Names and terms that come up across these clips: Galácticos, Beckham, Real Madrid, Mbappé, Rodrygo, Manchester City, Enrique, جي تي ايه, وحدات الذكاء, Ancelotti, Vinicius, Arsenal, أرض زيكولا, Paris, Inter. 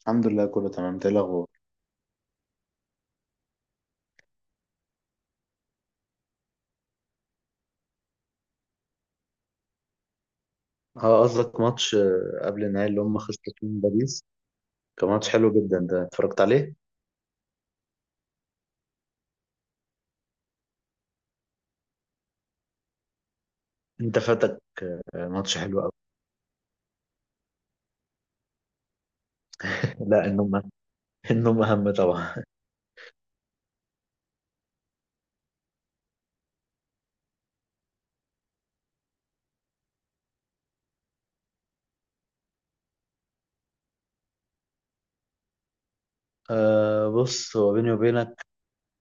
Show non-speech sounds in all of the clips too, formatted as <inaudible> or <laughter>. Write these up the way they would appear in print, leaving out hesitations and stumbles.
الحمد لله، كله تمام. إنت إيه الاخبار؟ اه، قصدك ماتش قبل النهائي اللي هم خسروا فيه من باريس. كان ماتش حلو جدا ده، اتفرجت عليه. انت فاتك. ماتش حلو قوي. لا، النوم. النوم اهم طبعا. بص، هو بيني وبينك،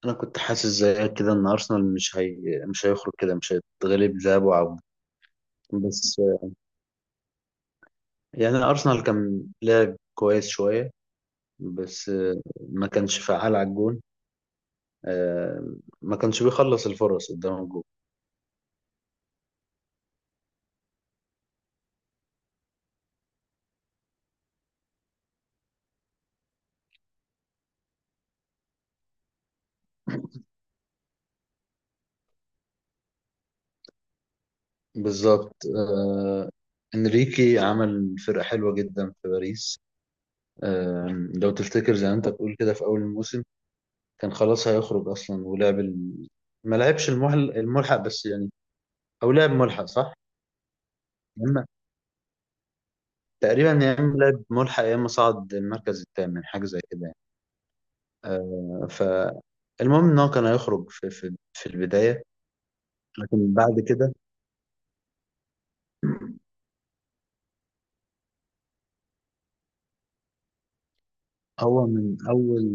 انا كنت حاسس زيك كده ان ارسنال مش هي. مش هيخرج كده، مش هيتغلب ذهاب وعودة. بس يعني ارسنال كان لعب كويس شوية، بس ما كانش فعال على الجون. آه، ما كانش بيخلص الفرص قدام الجون. بالظبط. انريكي عمل فرقة حلوة جدا في باريس. آه، لو تفتكر زي ما انت بتقول كده، في اول الموسم كان خلاص هيخرج اصلا، ولعب ما لعبش الملحق بس يعني. او لعب ملحق، صح؟ يا اما تقريبا، يا اما لعب ملحق، يا اما صعد المركز الثامن، حاجة زي كده يعني. فالمهم ان هو كان هيخرج في البداية. لكن بعد كده هو من اول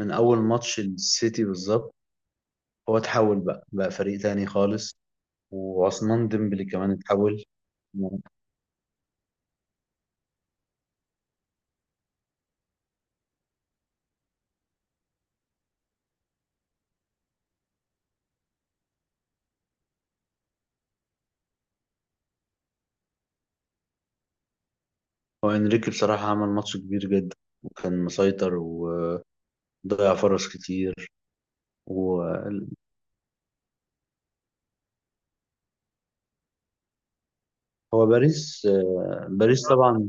من اول ماتش السيتي بالظبط، هو اتحول بقى فريق تاني خالص. وعثمان ديمبلي كمان اتحول. هو انريكي بصراحة عمل ماتش كبير جدا، وكان مسيطر، وضيع فرص كتير. وهو باريس، باريس طبعا.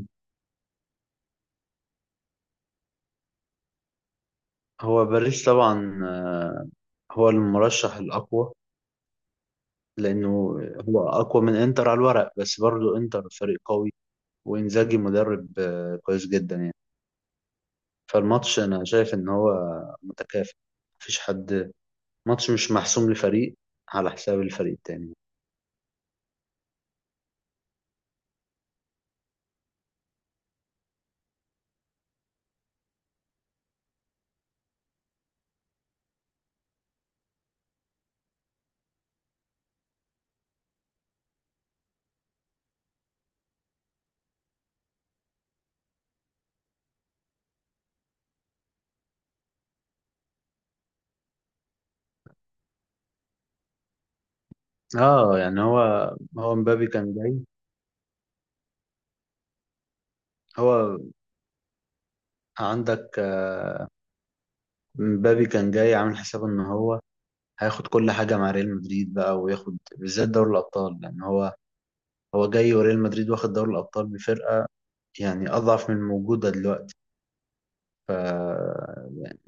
هو باريس طبعا، هو المرشح الأقوى، لأنه هو أقوى من إنتر على الورق، بس برضه إنتر فريق قوي، وإنزاجي مدرب كويس جدا يعني. فالماتش أنا شايف إن هو متكافئ، مفيش حد، ماتش مش محسوم لفريق على حساب الفريق التاني. اه يعني هو، هو مبابي كان جاي. هو عندك، مبابي كان جاي عامل حسابه ان هو هياخد كل حاجه مع ريال مدريد بقى، وياخد بالذات دوري الابطال، لان هو، هو جاي وريال مدريد واخد دوري الابطال بفرقه يعني اضعف من الموجوده دلوقتي. ف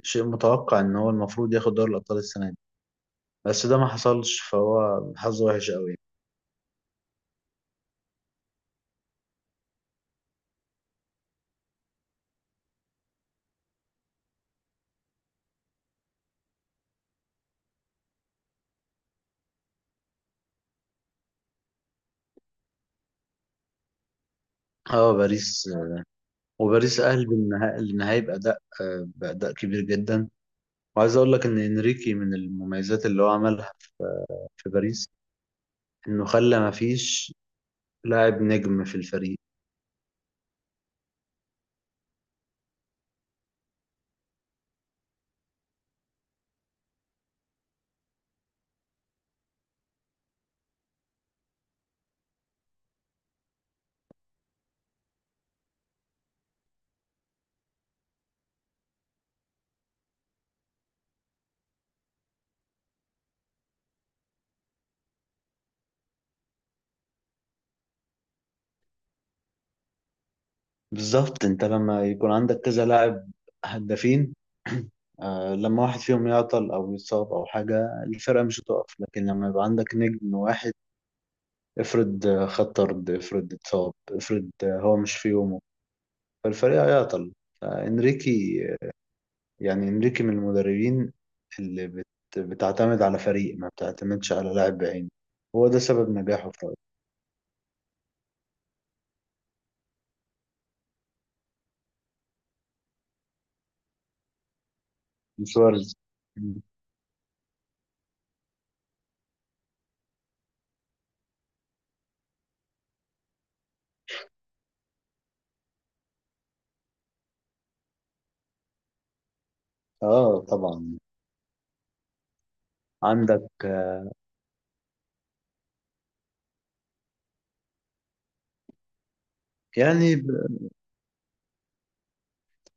شيء متوقع ان هو المفروض ياخد دوري الابطال السنه دي، بس ده ما حصلش، فهو حظه وحش قوي. اه، باريس. وباريس أهل النهائي بأداء، بأداء كبير جدا. وعايز أقول لك إن إنريكي من المميزات اللي هو عملها في باريس، إنه خلى ما فيش لاعب نجم في الفريق. بالظبط. أنت لما يكون عندك كذا لاعب هدافين، <clears throat> لما واحد فيهم يعطل أو يتصاب أو حاجة، الفرقة مش هتقف. لكن لما يبقى عندك نجم واحد، افرض خد طرد، افرض اتصاب، افرض هو مش في يومه، فالفريق هيعطل. فإنريكي، يعني انريكي من المدربين اللي بتعتمد على فريق، ما بتعتمدش على لاعب بعينه. هو ده سبب نجاحه في رأيي. سواريز. مم. اه طبعا. عندك يعني،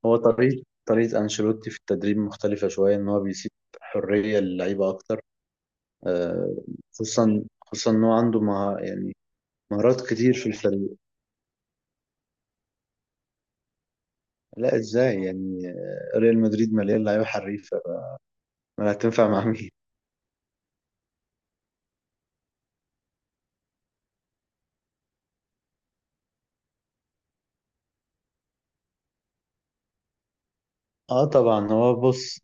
هو طريقة أنشيلوتي في التدريب مختلفة شوية، إن هو بيسيب حرية للعيبة أكتر. آه، خصوصا إن هو عنده يعني مهارات كتير في الفريق. لا، إزاي يعني؟ ريال مدريد مليان لعيبة حريفة. ما هتنفع مع مين؟ اه طبعا. هو بص،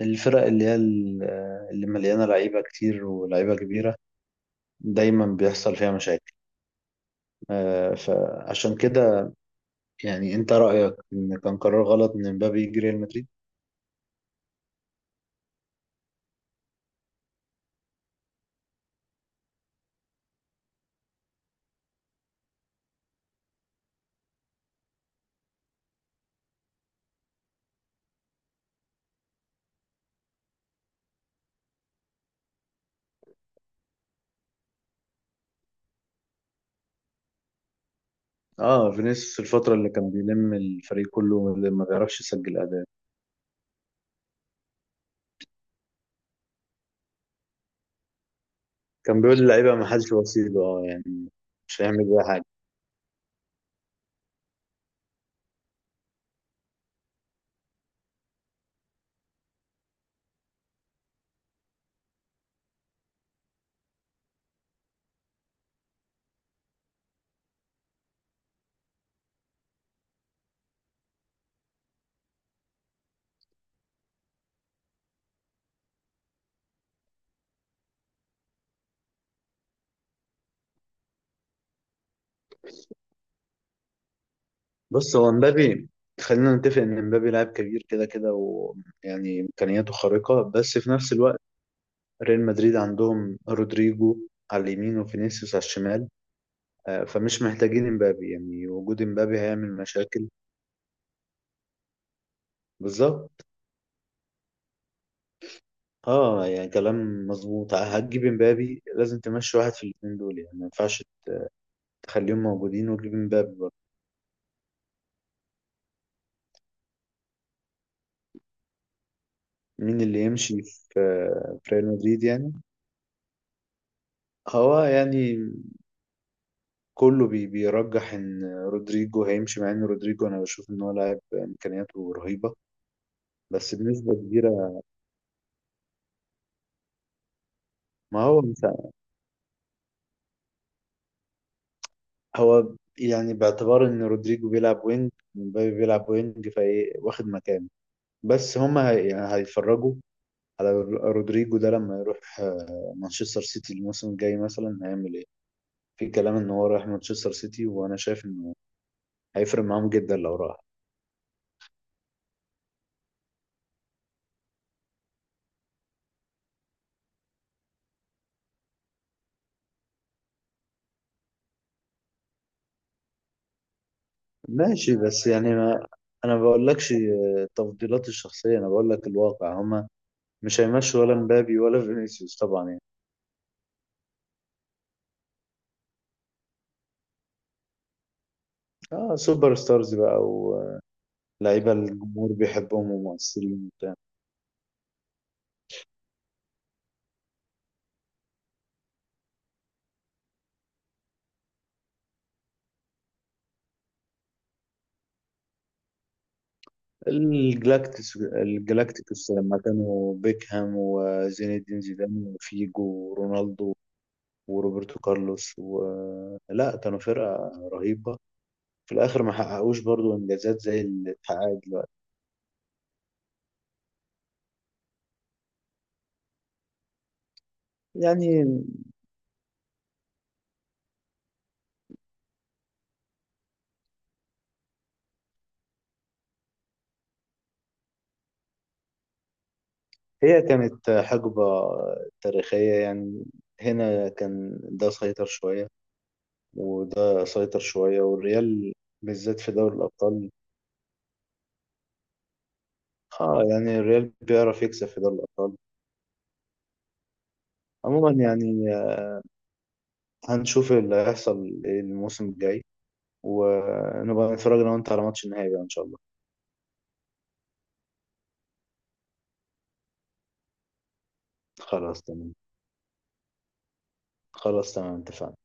الفرق اللي هي اللي مليانه لعيبه كتير ولعيبه كبيره، دايما بيحصل فيها مشاكل. آه، فعشان كده يعني انت رايك ان كان قرار غلط ان مبابي يجي ريال مدريد؟ اه فينيسيوس، الفتره اللي كان بيلم الفريق كله، اللي ما بيعرفش يسجل اداء. كان بيقول للعيبه ما حدش وسيله، اه يعني مش هيعمل بيها حاجه. بص، هو مبابي، خلينا نتفق ان مبابي لاعب كبير كده كده ويعني امكانياته خارقه، بس في نفس الوقت ريال مدريد عندهم رودريجو على اليمين وفينيسيوس على الشمال. فمش محتاجين امبابي، يعني وجود امبابي هيعمل مشاكل. بالظبط. اه يعني كلام مظبوط. هتجيب امبابي لازم تمشي واحد في الاثنين دول، يعني ما ينفعش تخليهم موجودين وتجيب امبابي. مين اللي يمشي في، في ريال مدريد يعني؟ هو يعني كله بيرجح ان رودريجو هيمشي، مع ان رودريجو انا بشوف ان هو لاعب امكانياته رهيبة، بس بنسبة كبيرة. ما هو مش، هو يعني، باعتبار ان رودريجو بيلعب وينج ومبابي بيلعب وينج، فايه واخد مكانه. بس هما هي يعني هيتفرجوا على رودريجو ده لما يروح مانشستر سيتي الموسم الجاي، مثلا هيعمل ايه. في كلام ان هو رايح مانشستر سيتي، وانا شايف انه هيفرق معاهم جدا لو راح. ماشي، بس يعني، ما انا ما بقولكش تفضيلاتي الشخصيه، انا بقول لك الواقع. هما مش هيمشوا، ولا مبابي ولا فينيسيوس طبعا يعني. اه، سوبر ستارز بقى. ولعيبه الجمهور بيحبهم ومؤثرين. الجلاكتيكوس لما كانوا بيكهام وزين الدين زيدان وفيجو ورونالدو وروبرتو كارلوس لا كانوا فرقة رهيبة. في الآخر ما حققوش برضو إنجازات زي اللي اتحققت دلوقتي. يعني هي كانت حقبة تاريخية يعني. هنا كان ده سيطر شوية، وده سيطر شوية، والريال بالذات في دوري الأبطال. اه يعني الريال بيعرف يكسب في دوري الأبطال عموما يعني. هنشوف اللي هيحصل إيه الموسم الجاي، ونبقى نتفرج انا وانت على ماتش النهائي بقى ان شاء الله. خلاص، تمام. خلاص، تمام. اتفقنا.